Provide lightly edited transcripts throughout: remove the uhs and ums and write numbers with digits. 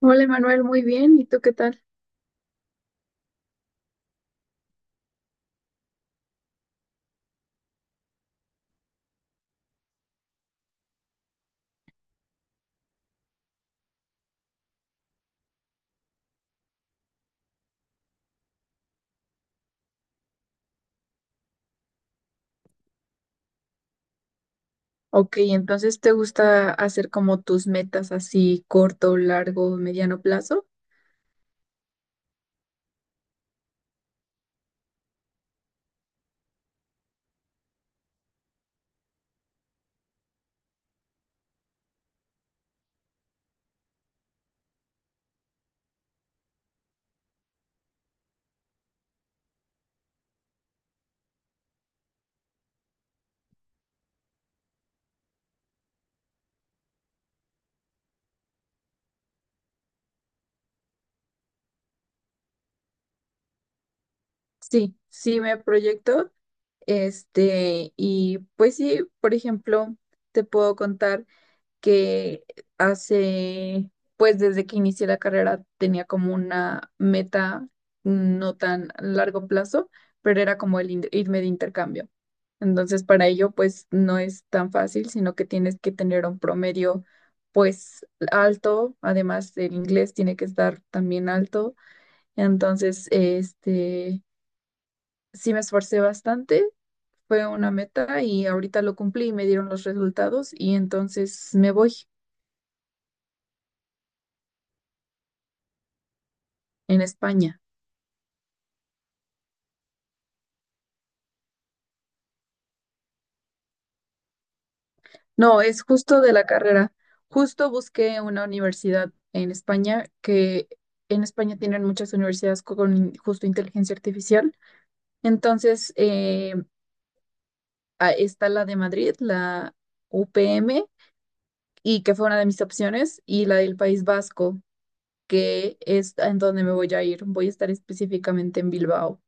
Hola, Manuel, muy bien. ¿Y tú qué tal? Ok, entonces ¿te gusta hacer como tus metas así corto, largo, mediano plazo? Sí, sí me proyecto. Y pues sí, por ejemplo, te puedo contar que hace, pues desde que inicié la carrera tenía como una meta no tan largo plazo, pero era como irme de intercambio. Entonces, para ello, pues no es tan fácil, sino que tienes que tener un promedio, pues alto, además el inglés tiene que estar también alto. Entonces, sí me esforcé bastante, fue una meta y ahorita lo cumplí y me dieron los resultados y entonces me voy en España. No, es justo de la carrera. Justo busqué una universidad en España, que en España tienen muchas universidades justo inteligencia artificial. Entonces, está la de Madrid, la UPM, y que fue una de mis opciones, y la del País Vasco, que es en donde me voy a ir. Voy a estar específicamente en Bilbao.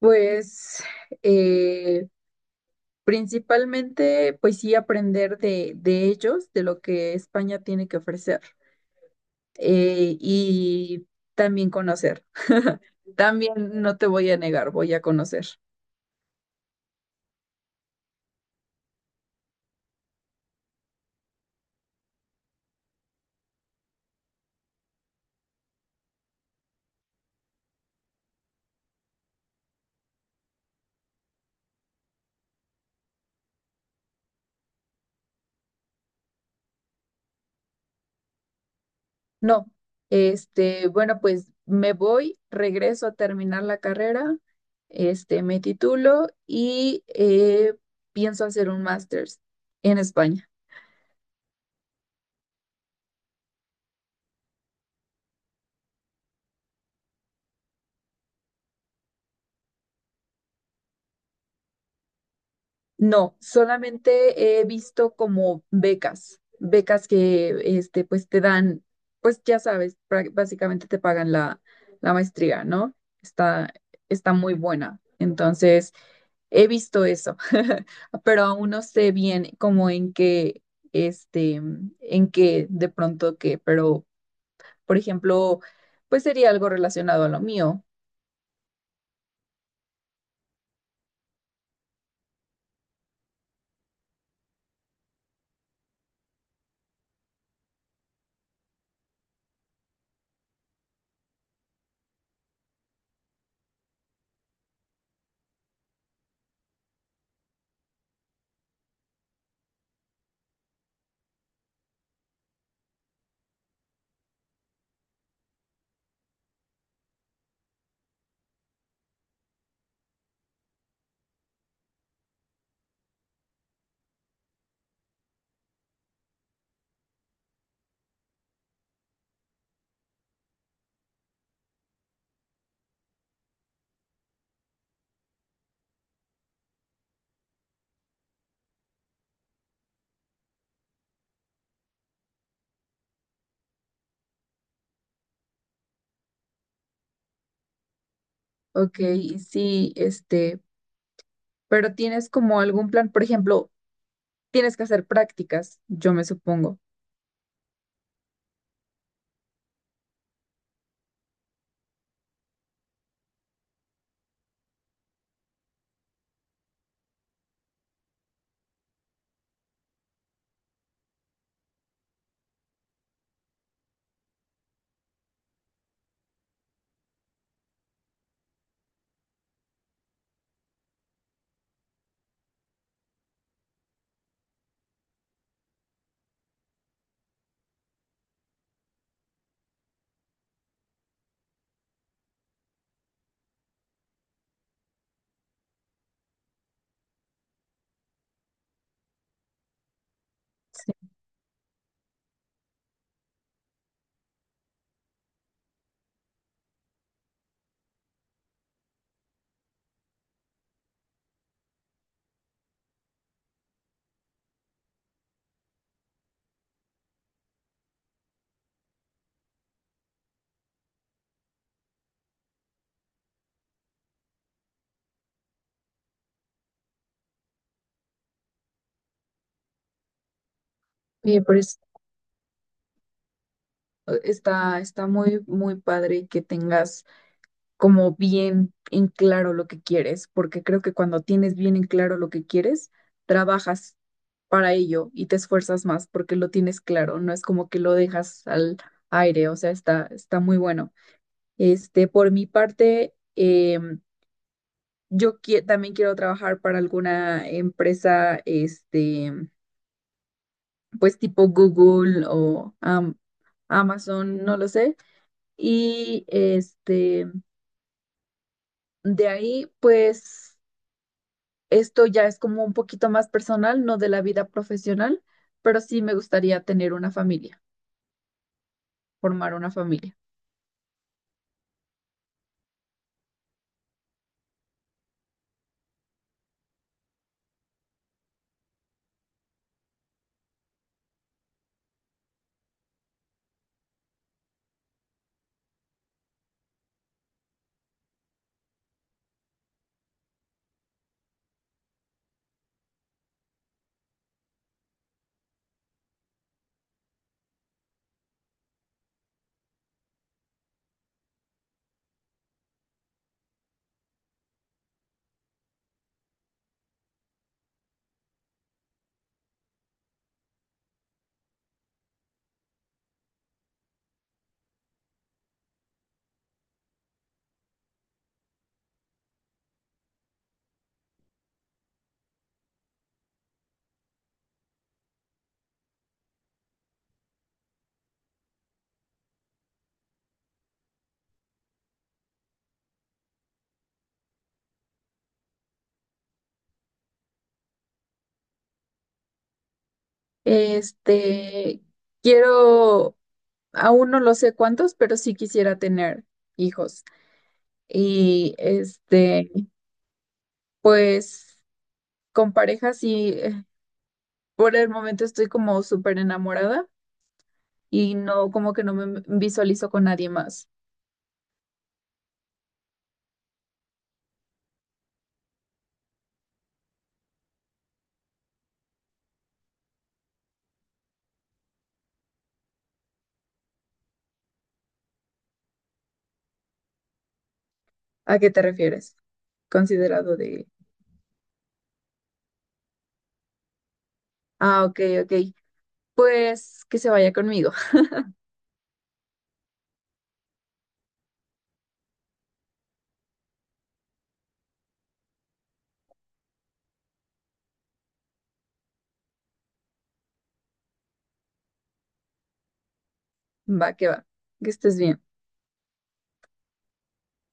Pues eh, principalmente, pues sí, aprender de ellos, de lo que España tiene que ofrecer. Y también conocer. También no te voy a negar, voy a conocer. No, bueno, pues me voy, regreso a terminar la carrera, me titulo y pienso hacer un máster en España. No, solamente he visto como becas, becas que pues te dan, pues ya sabes, básicamente te pagan la maestría, ¿no? Está, está muy buena. Entonces, he visto eso, pero aún no sé bien como en qué, este, en qué de pronto qué, pero, por ejemplo, pues sería algo relacionado a lo mío. Ok, sí, pero tienes como algún plan, por ejemplo, tienes que hacer prácticas, yo me supongo. Sí. Oye, está, está muy, muy padre que tengas como bien en claro lo que quieres, porque creo que cuando tienes bien en claro lo que quieres, trabajas para ello y te esfuerzas más porque lo tienes claro, no es como que lo dejas al aire, o sea, está muy bueno. Por mi parte, también quiero trabajar para alguna empresa, pues tipo Google o Amazon, no lo sé. Y de ahí, pues esto ya es como un poquito más personal, no de la vida profesional, pero sí me gustaría tener una familia, formar una familia. Este, quiero, aún no lo sé cuántos, pero sí quisiera tener hijos. Y pues con pareja sí, por el momento estoy como súper enamorada y no, como que no me visualizo con nadie más. ¿A qué te refieres? Considerado de... Ah, ok, ok. Pues que se vaya conmigo. Va. Que estés bien.